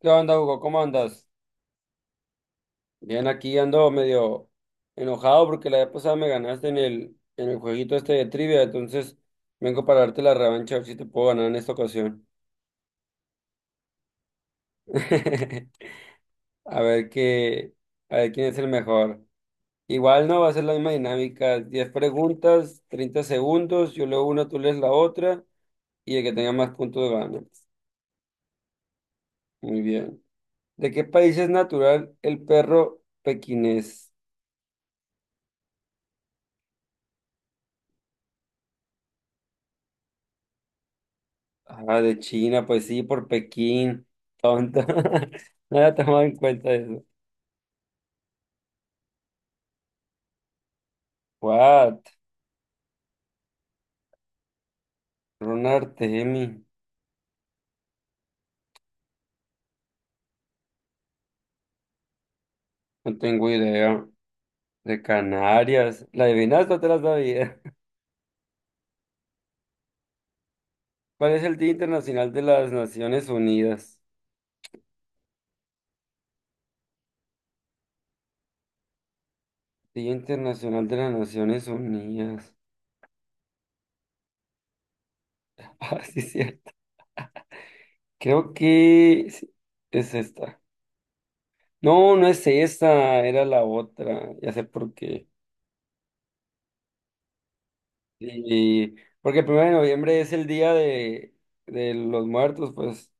¿Qué onda, Hugo? ¿Cómo andas? Bien, aquí ando medio enojado porque la vez pasada me ganaste en el jueguito este de trivia, entonces vengo para darte la revancha a ver si te puedo ganar en esta ocasión. A ver qué, a ver quién es el mejor. Igual no va a ser la misma dinámica. 10 preguntas, 30 segundos, yo leo una, tú lees la otra y el que tenga más puntos gana. Muy bien. ¿De qué país es natural el perro pequinés? Ah, de China, pues sí, por Pekín. Tonto. No había tomado en cuenta eso. What? Ronald, Artemi. No tengo idea. De Canarias. ¿La adivinaste o te la sabía? ¿Cuál es el Día Internacional de las Naciones Unidas? Día Internacional de las Naciones Unidas. Ah, sí, es cierto. Creo que sí, es esta. No, no es esta, era la otra. Ya sé por qué. Y porque el 1 de noviembre es el día de los muertos, pues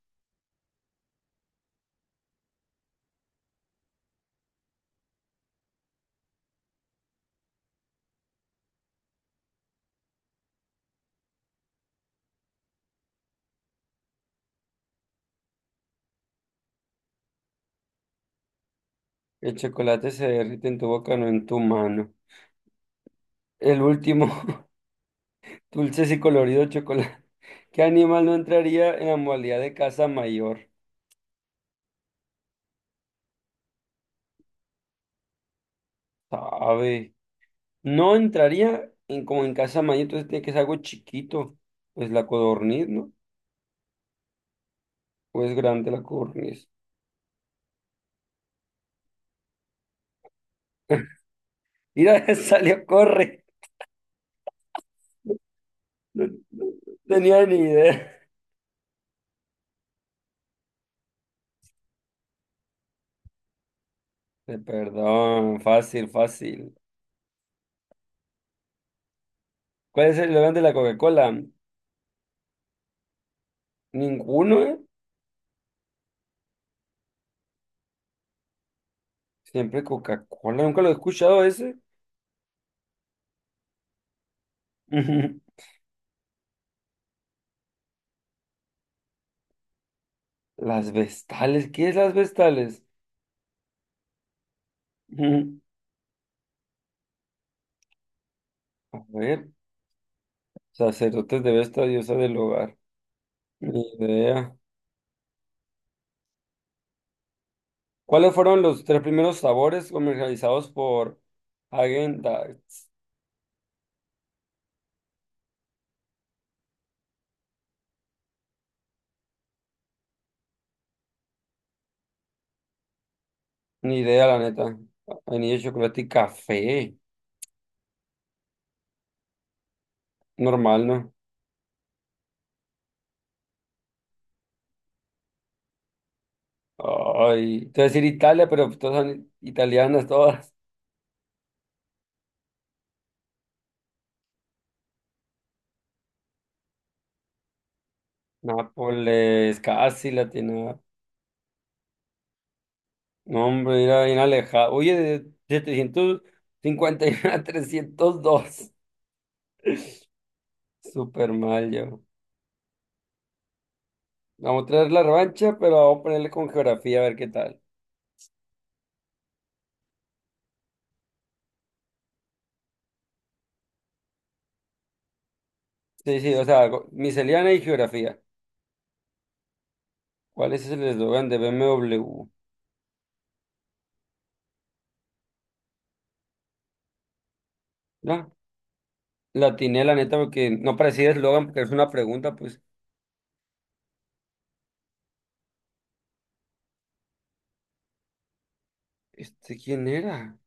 el chocolate se derrite en tu boca, no en tu mano. El último, dulces y colorido chocolate. ¿Qué animal no entraría en la modalidad de casa mayor? Sabe. No entraría en, como en casa mayor, entonces tiene que ser algo chiquito. Pues la codorniz, ¿no? O es grande la codorniz. Mira, salió, corre. No, no, no tenía ni idea. Perdón, fácil, fácil. ¿Cuál es el eslogan de la Coca-Cola? Ninguno, ¿eh? Siempre Coca-Cola, nunca lo he escuchado ese. Las vestales, ¿qué es las vestales? A ver, sacerdotes de Vesta, diosa del hogar. Ni idea. ¿Cuáles fueron los tres primeros sabores comercializados por Häagen-Dazs? Ni idea, la neta. Vainilla, chocolate y café. Normal, ¿no? Ay, te voy a decir Italia, pero todas son italianas, todas. Nápoles, casi latina. No, hombre, era bien alejado. Oye, de 751 a trescientos dos. Súper mal yo. Vamos a traer la revancha, pero vamos a ponerle con geografía a ver qué tal. Sí, sí, o sea, miscelánea y geografía. ¿Cuál es el eslogan de BMW? No, la atiné, la neta, porque no parecía eslogan, porque es una pregunta, pues, ¿este quién era?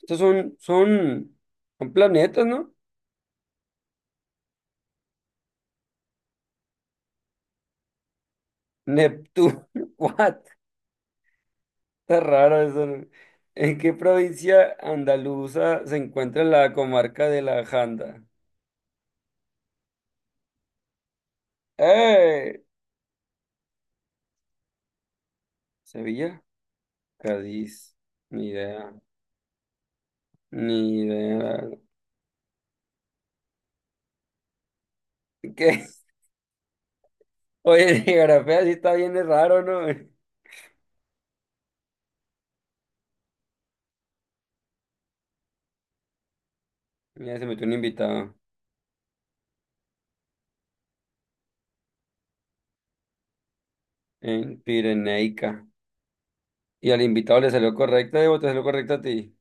Estos son planetas, ¿no? Neptuno. What. Está raro eso, ¿no? ¿En qué provincia andaluza se encuentra la comarca de la Janda? ¡Eh! ¿Sevilla? Cádiz. Ni idea. Ni idea. ¿Qué? Oye, geografía sí está bien de raro, ¿no? Mira, se metió un invitado en Pirenaica. Y al invitado le salió correcta. Diego, te salió correcta a ti.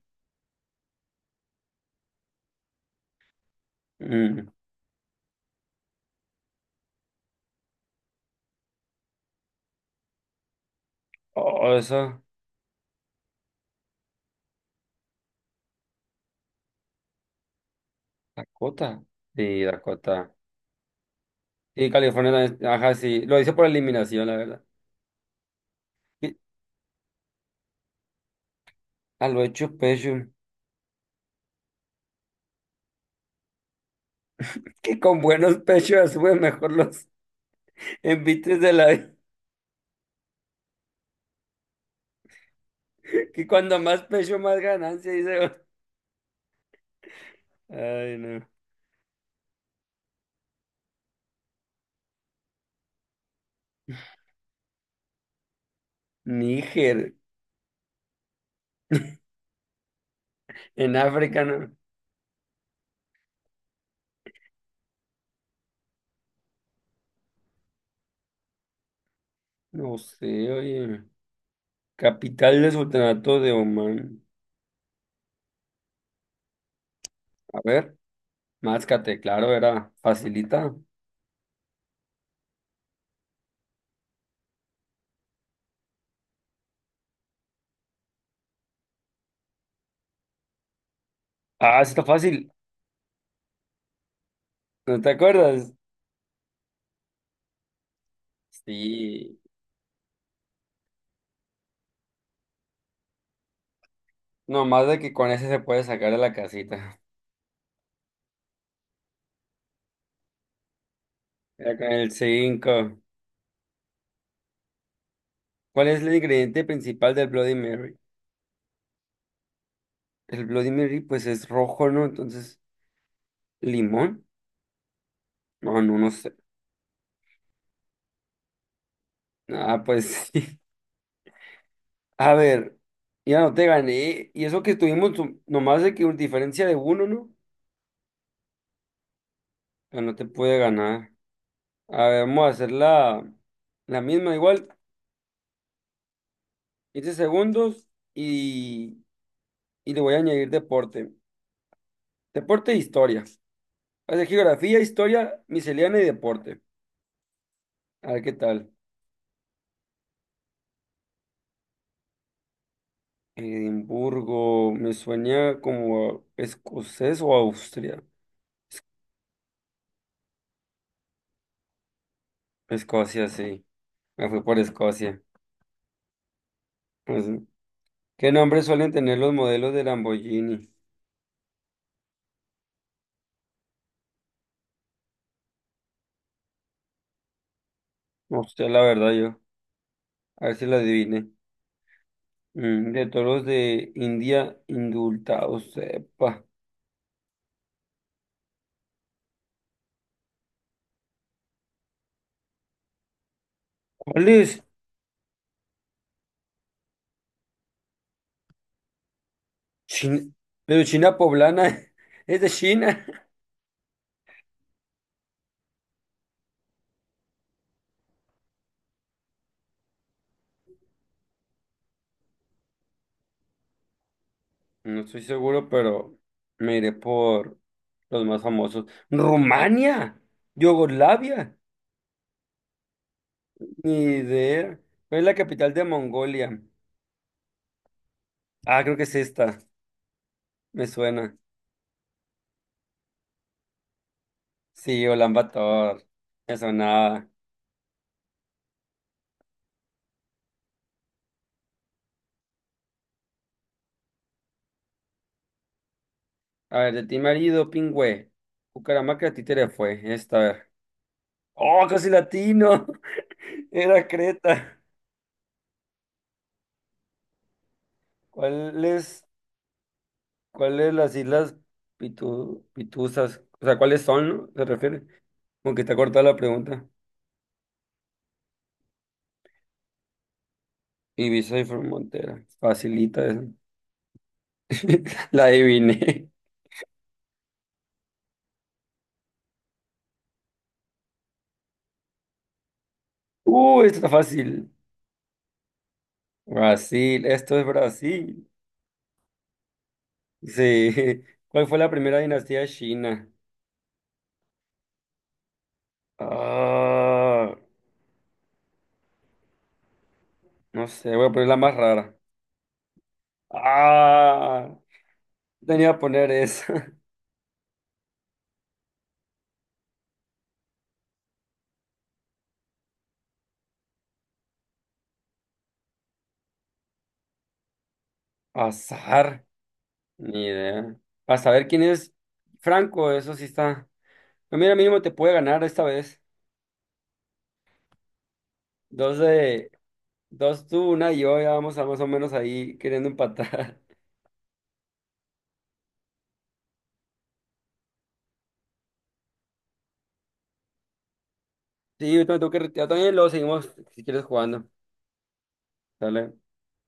Mm. Oh, eso. Dakota. Sí, Dakota. Y California también. Ajá, sí. Lo hice por eliminación, la verdad. Y- A lo hecho pecho. Que con buenos pechos ya sube mejor los envites de la vida. Que cuando más pecho, más ganancia, dice. Ay, no. Níger, en África, ¿no? No sé, oye. Capital del Sultanato de Omán. A ver, Máscate, claro, era facilita. Ah, sí está fácil. ¿No te acuerdas? Sí. Nomás de que con ese se puede sacar de la casita. Ya con el cinco. ¿Cuál es el ingrediente principal del Bloody Mary? El Bloody Mary, pues es rojo, ¿no? Entonces, ¿limón? No, no, no sé. Ah, pues sí. A ver, ya no te gané. Y eso que estuvimos nomás de que una diferencia de uno, ¿no? Ya no te puede ganar. A ver, vamos a hacer la misma igual, 15 segundos y, y le voy a añadir deporte. Deporte e historia. Va a ser geografía, historia, miscelánea y deporte. A ver qué tal. Edimburgo, me suena como escocés o Austria. Escocia, sí. Me fui por Escocia. Pues, ¿qué nombre suelen tener los modelos de Lamborghini? No sé, la verdad, yo. A ver si la adivine. Mm, de toros de India indultados, sepa. ¿Cuál es? China, pero China poblana. Es de China. No estoy seguro, pero me iré por los más famosos. Rumania, Yugoslavia, ni idea. ¿Cuál es la capital de Mongolia? Ah, creo que es esta. Me suena. Sí, Ulan Bator. Me sonaba. A ver, de ti marido, pingüe. Bucaramanga, títere fue. Esta, a ver. ¡Oh, casi latino! Era Creta. ¿Cuáles, cuáles las islas Pitu- Pituzas? O sea, ¿cuáles son, no? ¿Se refiere? Como que está cortada la pregunta. Ibiza y Formentera. Facilita eso. La adiviné. Esto está fácil. Brasil, esto es Brasil. Sí. ¿Cuál fue la primera dinastía de China? Ah, no sé, voy a poner la más rara. Ah, no, tenía que poner eso. Azar, ni idea. A saber quién es Franco, eso sí está. Pero mira, mínimo te puede ganar esta vez. Dos de, dos tú, una y yo, ya vamos a más o menos ahí queriendo empatar. Sí, yo también tengo que retirar también, luego seguimos si quieres jugando. Dale.